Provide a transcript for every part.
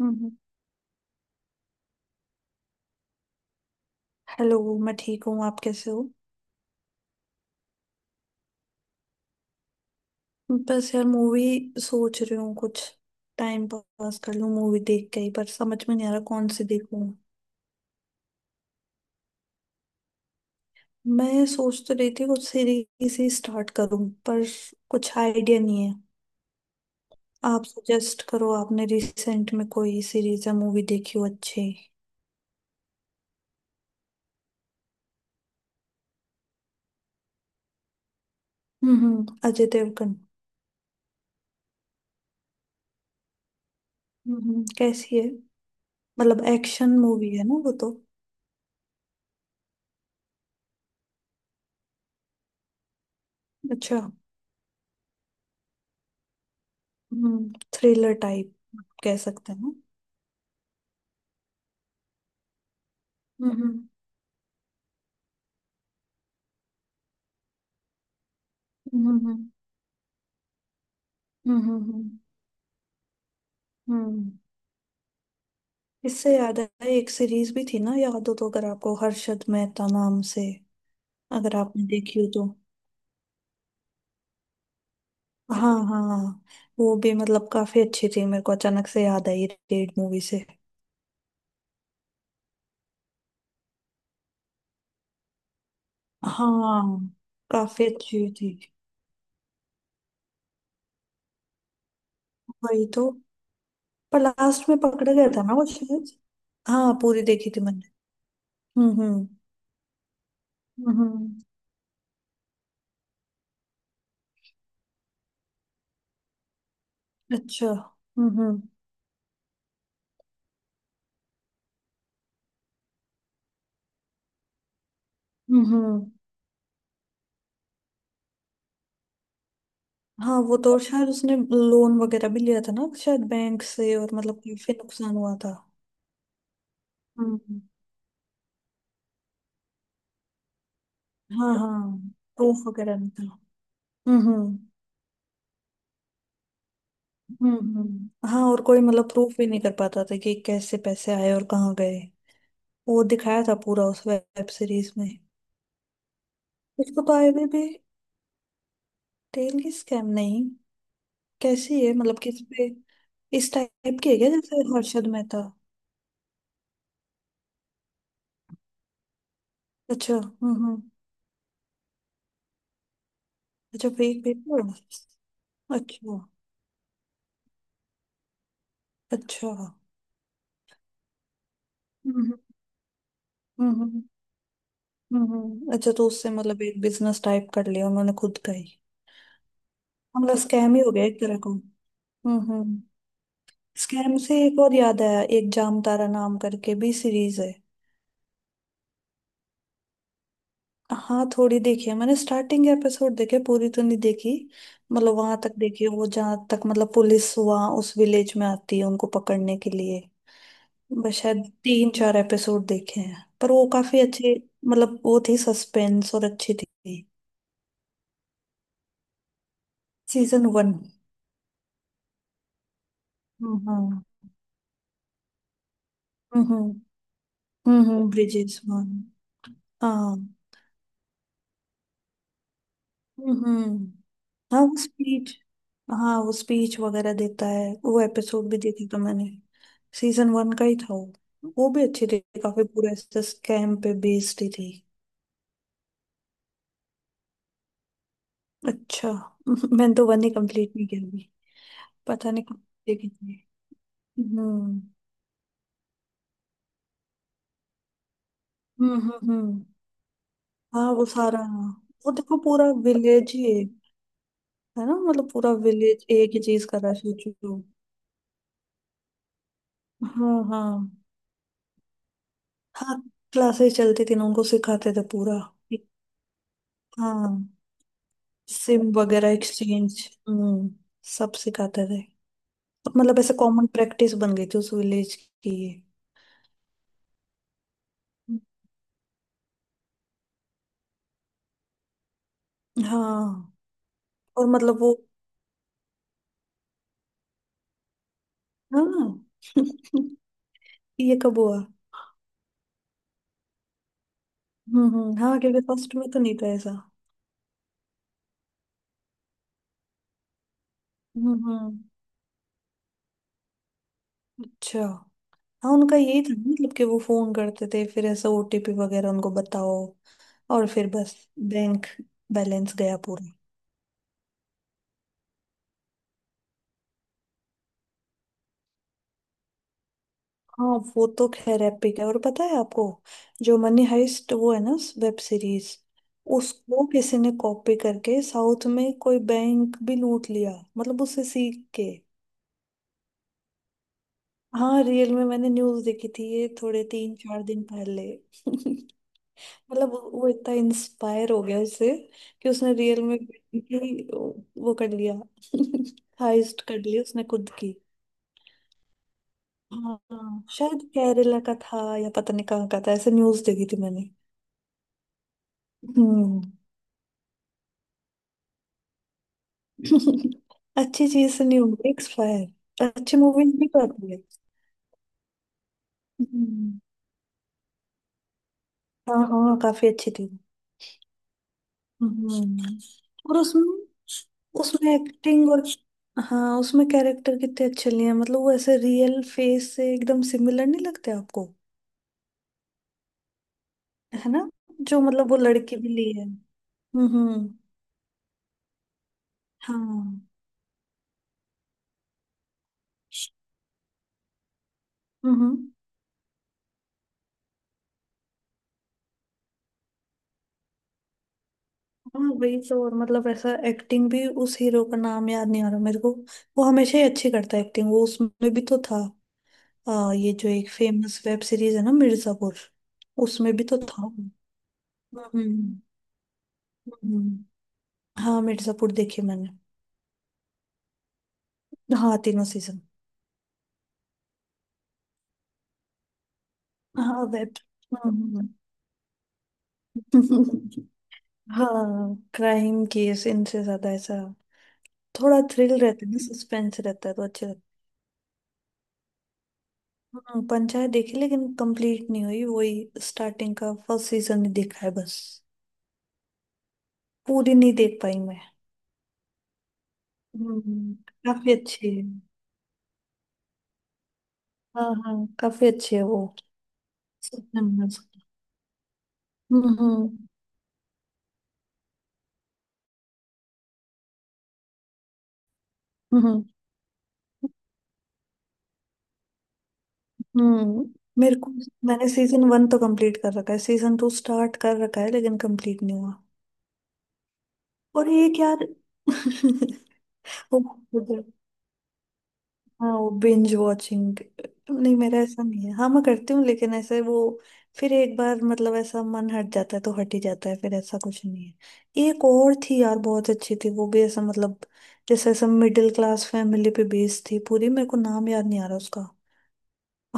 हम्म। Hello, मैं ठीक हूँ। आप कैसे हो? बस यार, मूवी सोच रही हूँ कुछ टाइम पास कर लूँ मूवी देख के ही। पर समझ में नहीं आ रहा कौन सी देखूँ। मैं सोच तो रही थी कुछ सीरीज ही स्टार्ट करूँ, पर कुछ आइडिया नहीं है। आप सजेस्ट करो, आपने रिसेंट में कोई सीरीज या मूवी देखी हो अच्छी। हम्म, अजय देवगन। कैसी है? मतलब एक्शन मूवी है ना वो तो? अच्छा। थ्रिलर टाइप कह सकते हैं ना। हम्म, हम्म, हम्म, हम्म। हम्म, हम्म, हम्म, हम्म। इससे याद आया, एक सीरीज भी थी ना, याद हो तो अगर आपको, हर्षद मेहता नाम से, अगर आपने देखी हो तो। हाँ, हाँ। वो भी मतलब काफी अच्छी थी, मेरे को अचानक से याद आई, रेड मूवी से। हाँ, काफी अच्छी थी। वही तो। पर लास्ट में पकड़ा गया था ना वो शायद। हाँ, पूरी देखी थी मैंने। हम्म, हम्म, हम्म, अच्छा। हम्म, हम्म, हम्म, हाँ, वो तो शायद उसने लोन वगैरह भी लिया था ना शायद बैंक से, और मतलब काफी नुकसान हुआ था। हम्म। हाँ, हाँ, प्रूफ वगैरह नहीं था। हम्म, हम्म, हम्म, हाँ, और कोई मतलब प्रूफ भी नहीं कर पाता था कि कैसे पैसे आए और कहाँ गए। वो दिखाया था पूरा उस वेब सीरीज में। उसको तो आईवी भी। टेल की स्कैम नहीं? कैसी है मतलब, किस पे? इस टाइप की है क्या, जैसे हर्षद मेहता? अच्छा। हम्म, हम्म। अच्छा, फेक पेपर। अच्छा। अच्छा। हम्म। हम्म, हम्म, हम्म। हम्म। अच्छा, तो उससे मतलब एक बिजनेस टाइप कर लिया उन्होंने खुद का ही। मतलब स्कैम ही हो गया एक तरह का। हम्म, हम्म। स्कैम से एक और याद आया, एक जामतारा नाम करके भी सीरीज है। हाँ, थोड़ी देखी है मैंने, स्टार्टिंग एपिसोड देखे, पूरी तो नहीं देखी। मतलब वहां तक देखी है, वो जहाँ तक मतलब पुलिस वहां उस विलेज में आती है उनको पकड़ने के लिए। बस शायद तीन चार एपिसोड देखे हैं पर वो काफी अच्छे। मतलब वो थी सस्पेंस और अच्छी थी। Season one. हम्म, हम्म, हम्म। हम्म, हम्म, ब्रिजेश वन। हाँ। हम्म, हम्म। हाँ वो स्पीच हाँ, वो स्पीच वगैरह देता है, वो एपिसोड भी देखा था मैंने। सीजन वन का ही था वो। वो भी अच्छी थी काफी, पूरा ऐसे स्कैम पे बेस्ड ही थी। अच्छा। मैंने तो वन ही कंप्लीट नहीं किया अभी। पता नहीं कब देखी थी। हम्म, हम्म, हम्म, हाँ, वो सारा, वो देखो, पूरा विलेज ही है। है ना, मतलब पूरा विलेज एक ही चीज कर रहा है सोचो। हाँ, हाँ। हाँ, क्लासेस चलती थी ना, उनको सिखाते थे पूरा। हाँ, सिम वगैरह एक्सचेंज। हम्म सब सिखाते थे। मतलब ऐसे कॉमन प्रैक्टिस बन गई थी उस विलेज की ये। हाँ, और मतलब वो, हाँ। ये कब हुआ? हम्म, हम्म। हाँ, क्योंकि फर्स्ट में तो नहीं था ऐसा। हम्म, हम्म। अच्छा। हाँ, उनका यही था ना, मतलब कि वो फोन करते थे फिर ऐसा ओटीपी वगैरह उनको बताओ। और फिर बस, बैंक बैलेंस गया पूरा। हाँ, वो तो खैर एपिक है। और पता है आपको, जो मनी हाइस्ट वो है ना, वेब सीरीज। उसको किसी ने कॉपी करके साउथ में कोई बैंक भी लूट लिया, मतलब उससे सीख के। हाँ, रियल में। मैंने न्यूज देखी थी ये थोड़े तीन चार दिन पहले। मतलब वो इतना इंस्पायर हो गया उससे कि उसने रियल में ही वो कर लिया। हाइस्ट कर लिया उसने खुद की। हाँ, हाँ, शायद केरला का था या पता नहीं कहाँ का था, ऐसे न्यूज देखी थी मैंने। हम्म। अच्छी चीज से नहीं होगी एक्सपायर? अच्छी मूवीज भी तो आती है। हम्म। हाँ, हाँ, काफी अच्छी थी। हम्म। और उसमें उसमें एक्टिंग और, हाँ, उसमें कैरेक्टर कितने अच्छे लिए हैं, मतलब वो ऐसे रियल फेस से एकदम सिमिलर नहीं लगते आपको। है ना? जो मतलब वो लड़की भी ली है। हम्म, हम्म, हाँ, हम्म। हाँ, वही तो और मतलब ऐसा एक्टिंग भी, उस हीरो का नाम याद नहीं आ रहा मेरे को। वो हमेशा ही अच्छी करता है एक्टिंग, वो उसमें भी तो था। ये जो एक फेमस वेब सीरीज है ना, मिर्जापुर। उसमें भी तो था। हम्म, हम्म। हाँ, मिर्जापुर देखे मैंने। हाँ, तीनों सीजन। हाँ, वेब। हम्म। हाँ, क्राइम केस इनसे ज्यादा ऐसा, थोड़ा थ्रिल रहता है ना, सस्पेंस रहता है तो अच्छा लगता है। पंचायत देखी लेकिन कंप्लीट नहीं हुई, वही स्टार्टिंग का फर्स्ट सीजन ही देखा है बस। पूरी नहीं देख पाई मैं। हम्म। काफी अच्छी है। हाँ, हाँ, काफी अच्छी है वो। सपना। हम्म, हम्म, हम्म, हम्म। मेरे को, मैंने सीजन वन तो कंप्लीट कर रखा है, सीजन टू स्टार्ट कर रखा है लेकिन कंप्लीट नहीं हुआ। और एक यार, वो, हाँ, वो बिंज वॉचिंग। नहीं, मेरा ऐसा नहीं है। हाँ, मैं करती हूँ लेकिन ऐसे वो, फिर एक बार मतलब ऐसा मन हट जाता है तो हट ही जाता है फिर, ऐसा कुछ नहीं है। एक और थी यार बहुत अच्छी थी वो भी, ऐसा मतलब जैसे ऐसा मिडिल क्लास फैमिली पे बेस्ड थी पूरी, मेरे को नाम याद नहीं आ रहा उसका।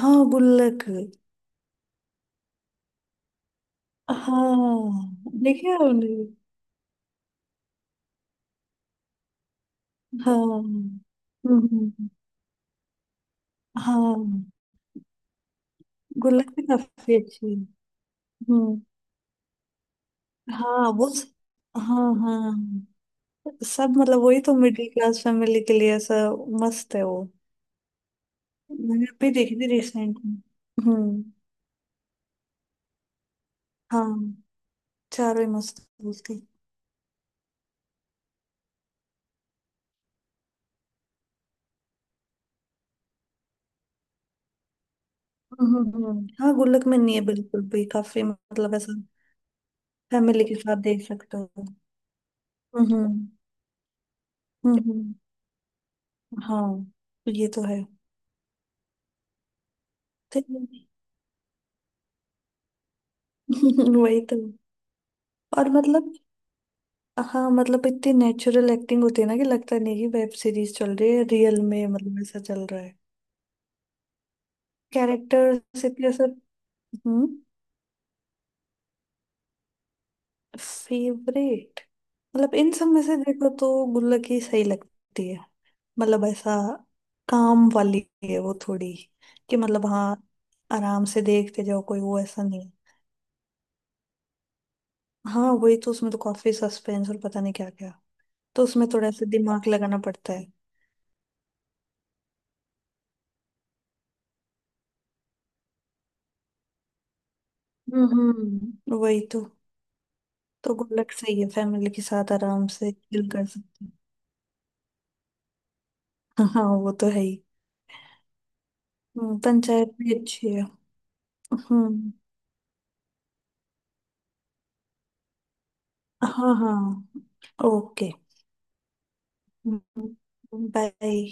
हाँ, गुल्लक। हाँ, देखिए आपने। हाँ। हम्म, हम्म, हम्म। हाँ, गुल्लक भी काफी अच्छी है। हम्म। हाँ, हाँ, हाँ, सब मतलब वही तो, मिडिल क्लास फैमिली के लिए ऐसा मस्त है वो। मैंने भी देखी थी रिसेंट में। हम्म। हाँ, चारों ही मस्त है उसकी। हम्म, हाँ, गुल्लक में नहीं है बिल्कुल भी, काफी मतलब ऐसा फैमिली के साथ देख सकते हो। हम्म, हम्म, हम्म, हम्म। हाँ, ये तो है। वही तो और मतलब, हाँ, मतलब इतनी नेचुरल एक्टिंग होती है ना कि लगता नहीं कि वेब सीरीज चल रही है, रियल में मतलब ऐसा चल रहा है। कैरेक्टर्स इतने सब। हम्म। फेवरेट मतलब इन सब में से देखो तो गुल्लक ही सही लगती है। मतलब ऐसा काम वाली है वो थोड़ी, कि मतलब हाँ, आराम से देखते जाओ, कोई वो ऐसा नहीं है। हाँ, वही तो, उसमें तो काफी सस्पेंस और पता नहीं क्या क्या। तो उसमें थोड़ा सा दिमाग लगाना पड़ता है। हम्म, वही तो। तो गुल्लक सही है, फैमिली के साथ आराम से चिल कर सकते हैं। हाँ, हाँ, वो तो है ही। पंचायत भी अच्छी है। हम्म। हाँ, हाँ, ओके। बाय।